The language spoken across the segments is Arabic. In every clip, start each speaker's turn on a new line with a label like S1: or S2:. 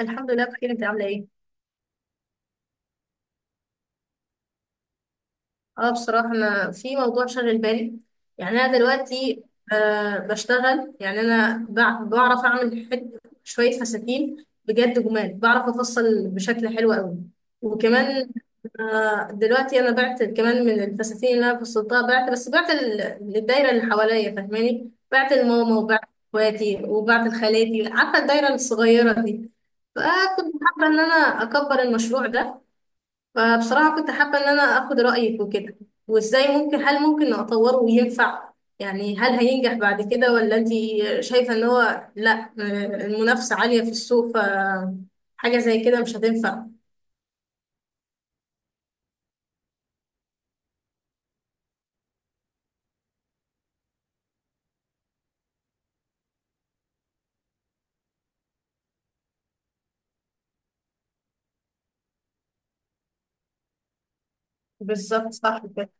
S1: الحمد لله بخير. انت عامله ايه؟ اه بصراحه انا في موضوع شاغل بالي. يعني انا دلوقتي بشتغل. يعني انا بعرف اعمل حت شويه فساتين بجد جمال. بعرف افصل بشكل حلو قوي. وكمان دلوقتي انا بعت كمان من الفساتين اللي انا فصلتها. بعت، بس بعت للدايره اللي حواليا، فاهماني؟ بعت لماما وبعت اخواتي وبعت لخالاتي، عارفه الدايره الصغيره دي. فكنت حابه ان انا اكبر المشروع ده. فبصراحة كنت حابة إن أنا أخد رأيك وكده، وإزاي هل ممكن أطوره وينفع. يعني هل هينجح بعد كده، ولا أنت شايفة إن هو لأ؟ المنافسة عالية في السوق، فحاجة زي كده مش هتنفع. بالظبط صح كده.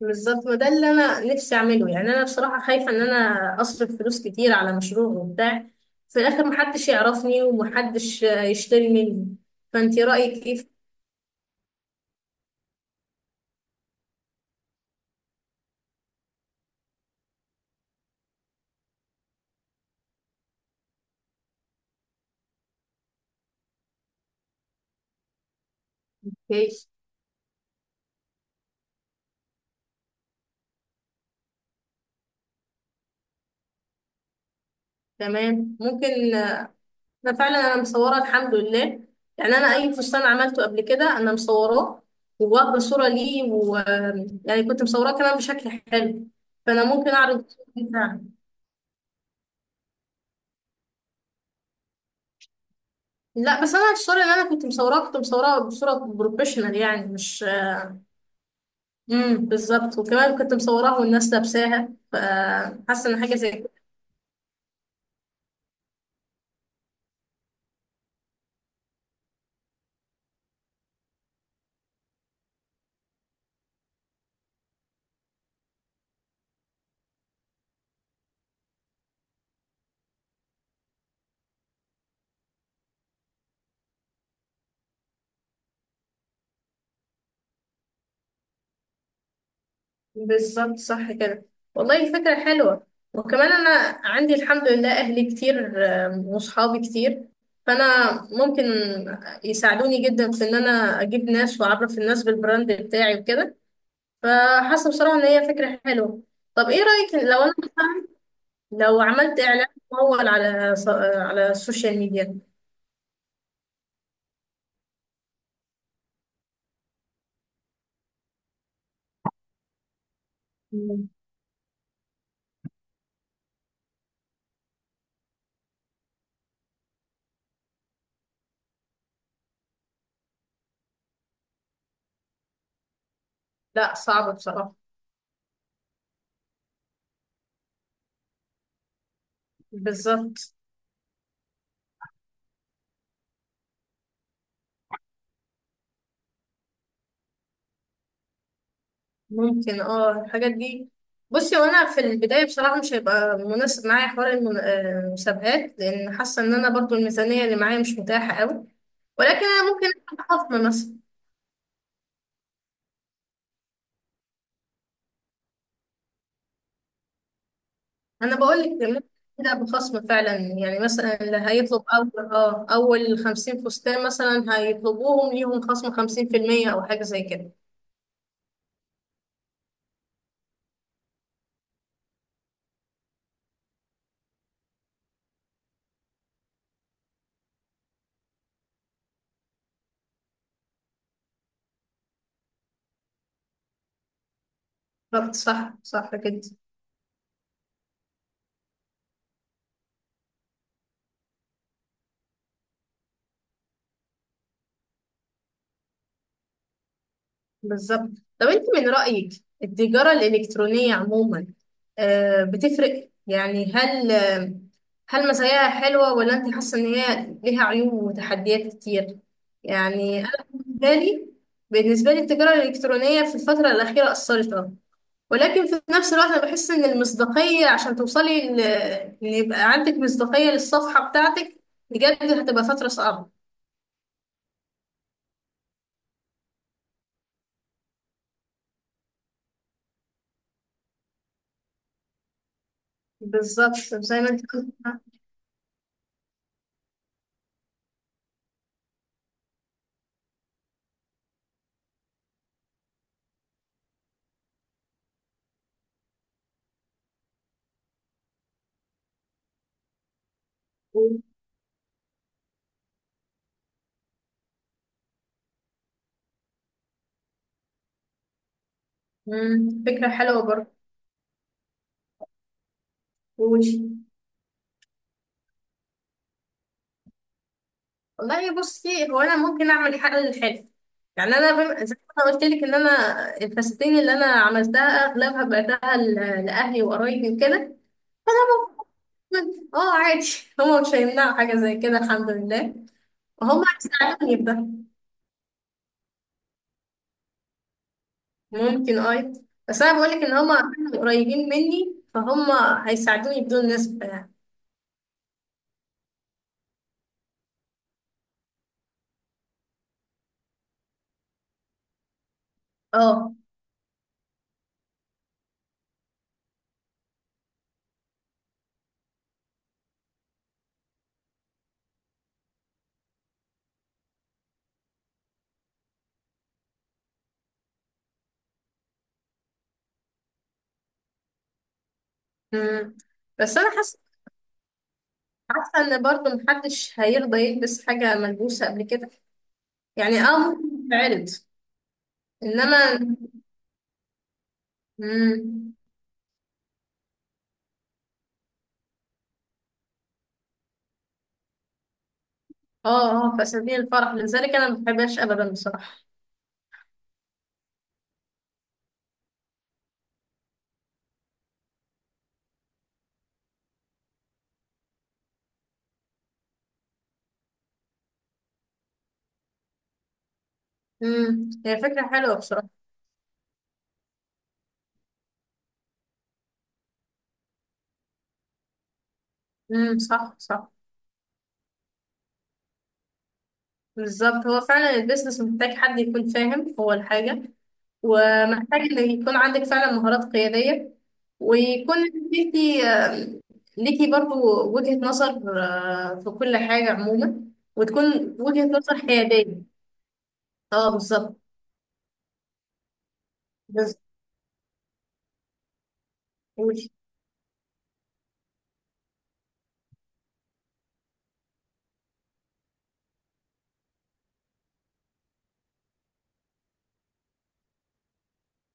S1: بالظبط، وده اللي أنا نفسي أعمله. يعني أنا بصراحة خايفة إن أنا أصرف فلوس كتير على مشروع وبتاع، في الآخر محدش يعرفني ومحدش يشتري مني. فأنت رأيك إيه؟ الكيس؟ تمام، ممكن. ده فعلا انا مصوره الحمد لله. يعني انا اي فستان عملته قبل كده انا مصوراه وواخده صوره ليه، و يعني كنت مصوراه كمان بشكل حلو. فانا ممكن اعرض الصورة دي فعلا. لا، بس انا الصوره اللي انا كنت مصوراه بصوره بروفيشنال. يعني مش بالظبط، وكمان كنت مصوراها والناس لابساها، فحاسه ان حاجه زي. بالظبط صح كده. والله فكرة حلوة. وكمان أنا عندي الحمد لله أهلي كتير وصحابي كتير. فأنا ممكن يساعدوني جدا في إن أنا أجيب ناس وأعرف الناس بالبراند بتاعي وكده. فحاسة بصراحة إن هي فكرة حلوة. طب إيه رأيك لو أنا مثلاً لو عملت إعلان ممول على السوشيال ميديا؟ مم. لا، صعب بصراحة. بالظبط. ممكن الحاجات دي. بصي، وانا في البدايه بصراحه مش هيبقى مناسب معايا حوار المسابقات، لان حاسه ان انا برضو الميزانيه اللي معايا مش متاحه قوي. ولكن انا ممكن اخد خصم مثلا. انا بقول لك ممكن ابدا بخصم فعلا. يعني مثلا اللي هيطلب اول 50 فستان مثلا هيطلبوهم، ليهم خصم 50% او حاجه زي كده. بالظبط صح صح كده. بالظبط. طب انت من رأيك التجارة الإلكترونية عموما بتفرق؟ يعني هل هل مزاياها حلوة، ولا انت حاسة ان هي ليها عيوب وتحديات كتير؟ يعني انا بالنسبة لي، التجارة الإلكترونية في الفترة الأخيرة أثرت اه ولكن في نفس الوقت انا بحس ان المصداقية، عشان توصلي ان يبقى عندك مصداقية للصفحة بتاعتك، بجد هتبقى فترة صعبة. بالظبط، زي ما انت قلت. فكرة حلوة برضه. قولي. والله بصي، هو انا ممكن اعمل حاجه للحلو. يعني انا زي ما انا قلت لك ان انا الفساتين اللي انا عملتها اغلبها بعتها لاهلي وقرايبي وكده. فانا ممكن عادي. هما مش هيمنعوا حاجه زي كده، الحمد لله. وهم هيساعدوني بده. ممكن اه بس انا بقول لك ان هما كانوا قريبين مني، فهم هيساعدوني بدون نسبه يعني. اه. أمم. بس انا حاسه ان برضه محدش هيرضى يلبس حاجه ملبوسه قبل كده. يعني ممكن تتعرض، انما مم. اه اه، في اساليب الفرح، لذلك انا ما بحبهاش ابدا بصراحه. هي فكره حلوه بصراحه. صح صح، بالظبط. هو فعلا البيزنس محتاج حد يكون فاهم هو الحاجه، ومحتاج ان يكون عندك فعلا مهارات قياديه، ويكون ليكي آه، ليكي برضو وجهه نظر في كل حاجه عموما، وتكون وجهه نظر حياديه. اه، بالظبط. بالظبط.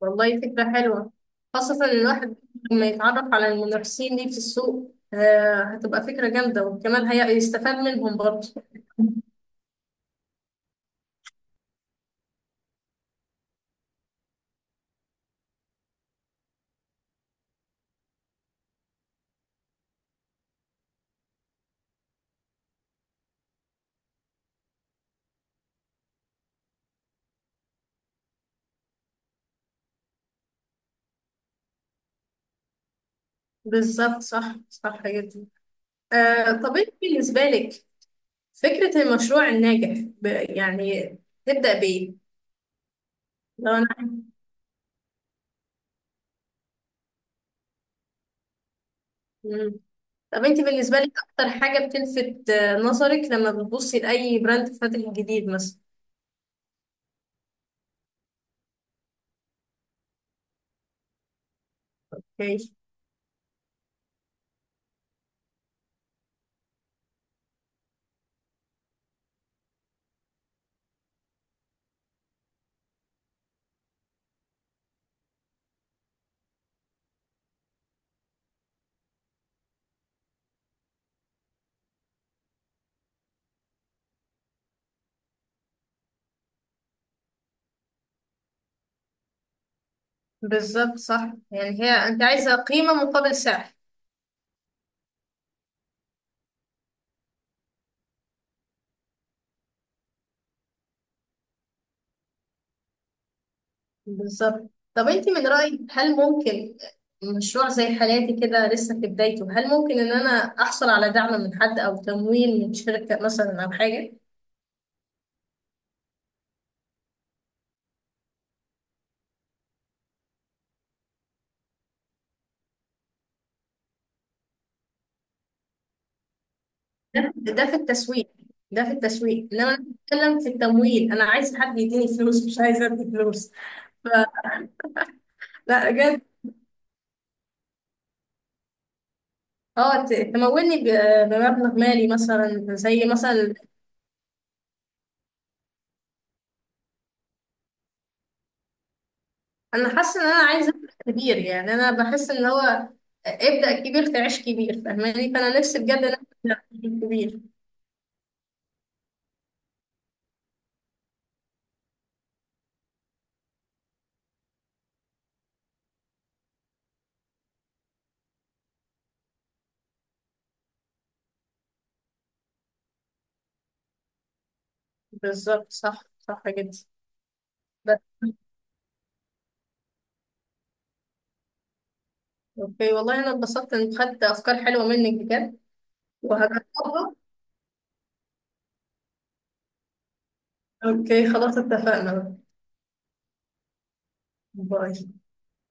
S1: والله فكرة حلوة، خاصة إن الواحد لما يتعرف على المنافسين دي في السوق هتبقى فكرة جامدة، وكمان هي يستفاد منهم برضه. بالظبط، صح صح جدا. طب أنت بالنسبة لك فكرة المشروع الناجح يعني تبدأ بإيه؟ لو أنا مم. طب أنت بالنسبة لك أكتر حاجة بتلفت نظرك لما بتبصي لأي براند فاتح جديد مثلا؟ أوكي. بالظبط صح، يعني هي أنت عايزة قيمة مقابل سعر. بالظبط. طب انت من رأيك هل ممكن مشروع زي حالاتي كده لسه في بدايته، هل ممكن ان انا احصل على دعم من حد او تمويل من شركة مثلا او حاجة؟ ده في التسويق ده في التسويق انما انا بتكلم في التمويل. انا عايز حد يديني فلوس، مش عايزه ادي فلوس. فلا بجد. اه، تمولني بمبلغ مالي مثلا، زي مثلا. انا حاسه ان انا عايزه أبدأ كبير. يعني انا بحس ان هو ابدأ كبير تعيش كبير، فاهماني؟ فانا نفسي بجد ان انا ابدأ كبير. بالظبط، صح صح جدا. بس اوكي، والله انا اتبسطت ان خدت افكار حلوه منك بجد، وهجربها. اوكي خلاص، اتفقنا. باي.